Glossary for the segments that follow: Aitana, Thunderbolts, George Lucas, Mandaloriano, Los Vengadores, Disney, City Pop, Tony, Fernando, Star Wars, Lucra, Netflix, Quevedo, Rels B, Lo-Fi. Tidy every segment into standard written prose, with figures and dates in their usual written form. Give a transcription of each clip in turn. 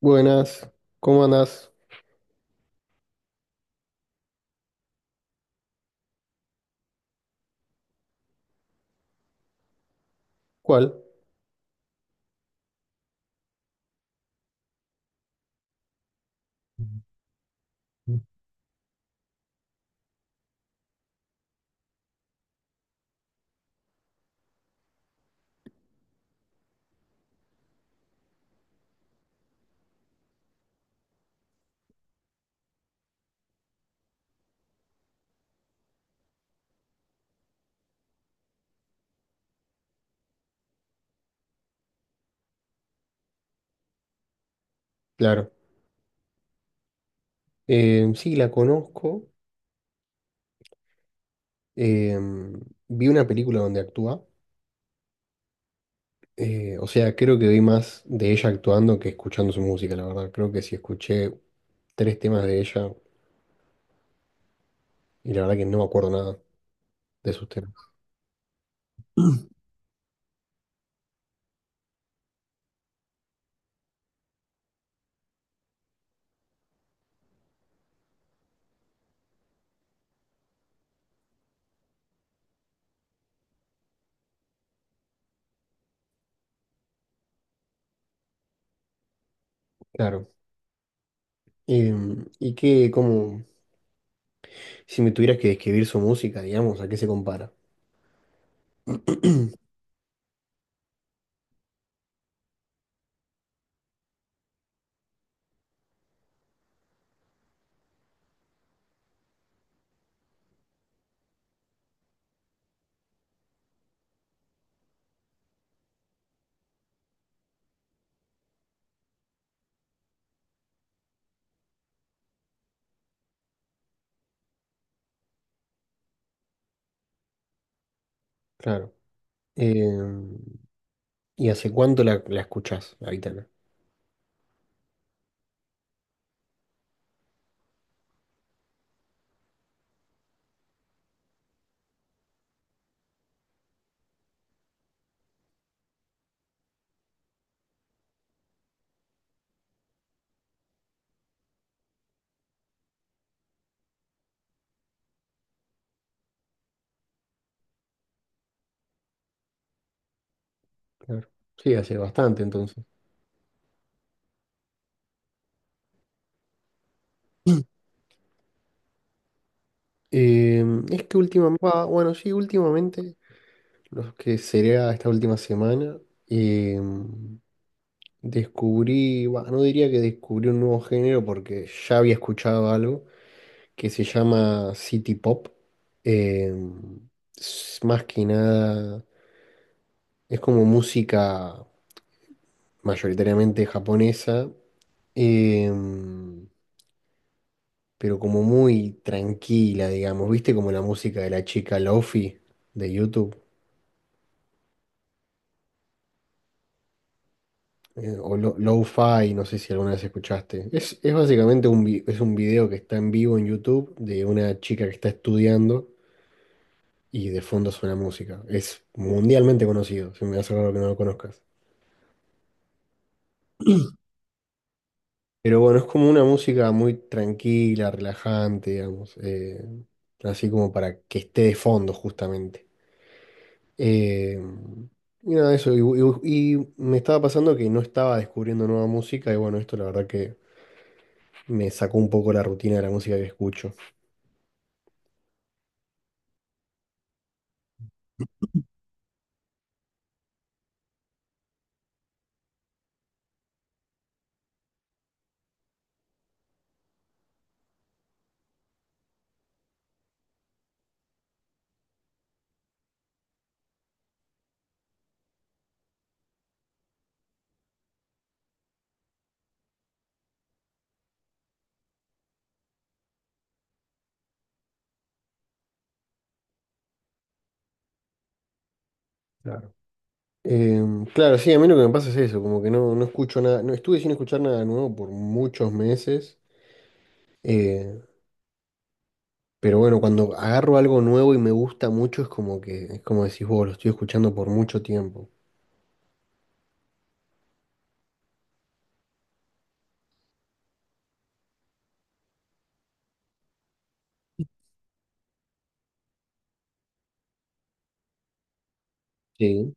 Buenas, ¿cómo andás? ¿Cuál? Claro. Sí, la conozco. Eh, vi una película donde actúa. O sea, creo que vi más de ella actuando que escuchando su música, la verdad. Creo que sí escuché tres temas de ella y la verdad que no me acuerdo nada de sus temas. Claro. Eh, ¿Y qué como, si me tuvieras que describir su música, digamos, ¿a qué se compara? Claro. Eh, ¿Y hace cuánto la escuchás, la Aitana? Claro. Sí, hace bastante entonces. Eh, es que últimamente, bueno, sí, últimamente, los que sería esta última semana, eh, descubrí, bah, no diría que descubrí un nuevo género porque ya había escuchado algo que se llama City Pop. Eh, es más que nada, es como música mayoritariamente japonesa, eh, pero como muy tranquila, digamos, ¿viste? Como la música de la chica Lofi de YouTube. Lo-Fi, no sé si alguna vez escuchaste. Es básicamente es un video que está en vivo en YouTube de una chica que está estudiando y de fondo suena música. Es mundialmente conocido, se me hace raro que no lo conozcas. Pero bueno, es como una música muy tranquila, relajante, digamos, así como para que esté de fondo justamente. Eh, y nada, eso, y me estaba pasando que no estaba descubriendo nueva música y bueno, esto la verdad que me sacó un poco la rutina de la música que escucho. Em, claro, sí, a mí lo que me pasa es eso, como que no escucho nada, no estuve sin escuchar nada nuevo por muchos meses, eh, pero bueno, cuando agarro algo nuevo y me gusta mucho es como que, es como decís vos, lo estoy escuchando por mucho tiempo. Sí.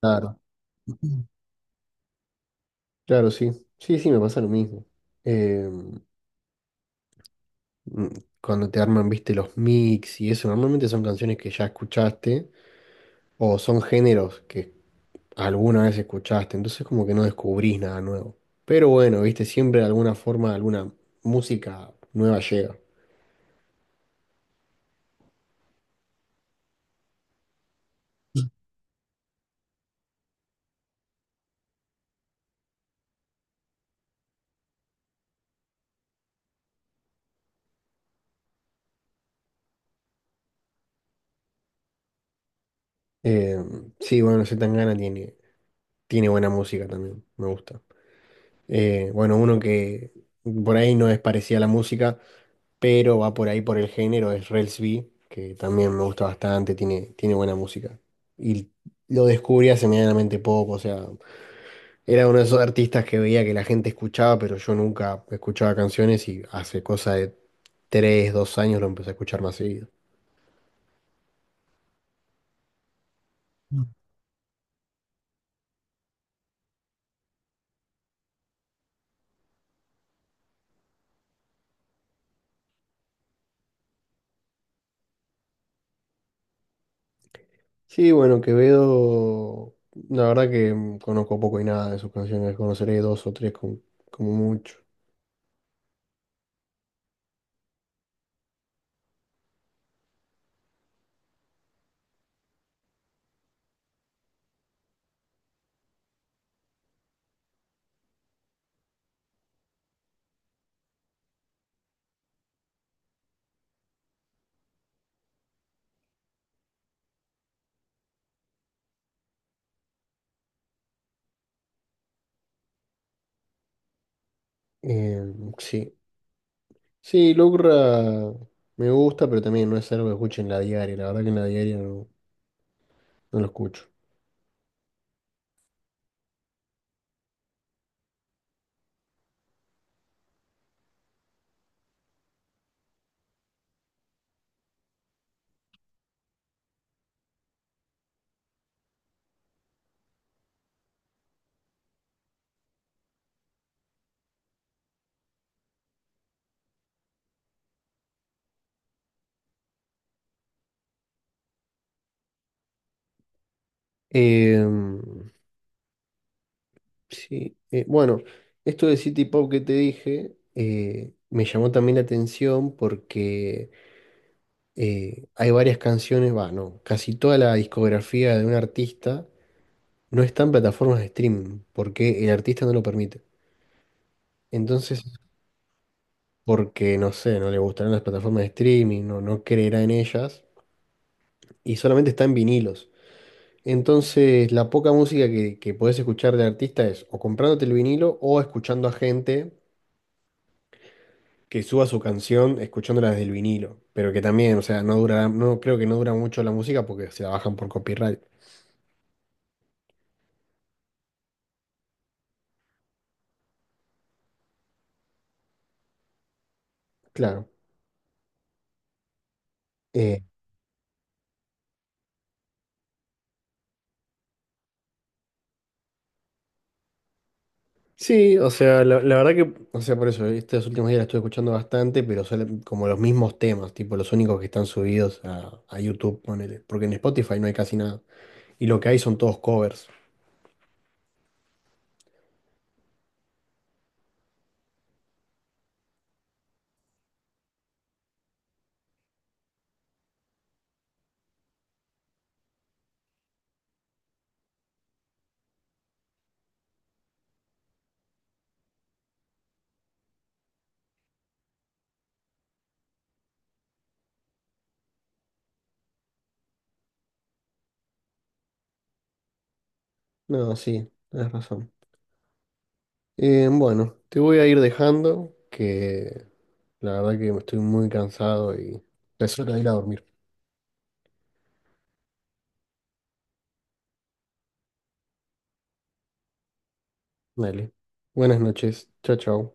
Claro. Ujú. Claro, sí, sí, sí, me pasa lo mismo. Em, mm, cuando te arman, viste, los mix y eso, normalmente son canciones que ya escuchaste o son géneros que alguna vez escuchaste, entonces como que no descubrís nada nuevo. Pero bueno, viste, siempre de alguna forma, alguna música nueva llega. Eh, sí, bueno, gana tiene buena música también, me gusta. Bueno, uno que por ahí no es parecida a la música, pero va por ahí por el género, es Rels B, que también me gusta bastante, tiene buena música. Y lo descubrí hace medianamente poco, o sea, era uno de esos artistas que veía que la gente escuchaba, pero yo nunca escuchaba canciones y hace cosa de tres, dos años lo empecé a escuchar más seguido. Sí, bueno, Quevedo, la verdad que conozco poco y nada de sus canciones, conoceré dos o tres como, como mucho. Eh, sí, sí, Lucra me gusta, pero también no es algo que escuche en la diaria, la verdad que en la diaria no lo escucho. Eh, Sí, bueno, esto de City Pop que te dije me llamó también la atención porque hay varias canciones, va, no, casi toda la discografía de un artista no está en plataformas de streaming porque el artista no lo permite. Entonces, porque no sé, no le gustarán las plataformas de streaming, no creerá en ellas y solamente está en vinilos. Entonces, la poca música que podés escuchar de artista es o comprándote el vinilo o escuchando a gente que suba su canción escuchándola desde el vinilo, pero que también, o sea, no durará, no creo que no dura mucho la música porque se la bajan por copyright. Claro. Eh, sí, o sea, la verdad que, o sea, por eso, estos últimos días la estoy escuchando bastante, pero son como los mismos temas, tipo los únicos que están subidos a YouTube, ponele, porque en Spotify no hay casi nada, y lo que hay son todos covers. No, sí, tienes razón. Bueno, te voy a ir dejando, que la verdad que estoy muy cansado y es hora de ir a dormir. Dale. Buenas noches. Chao, chao.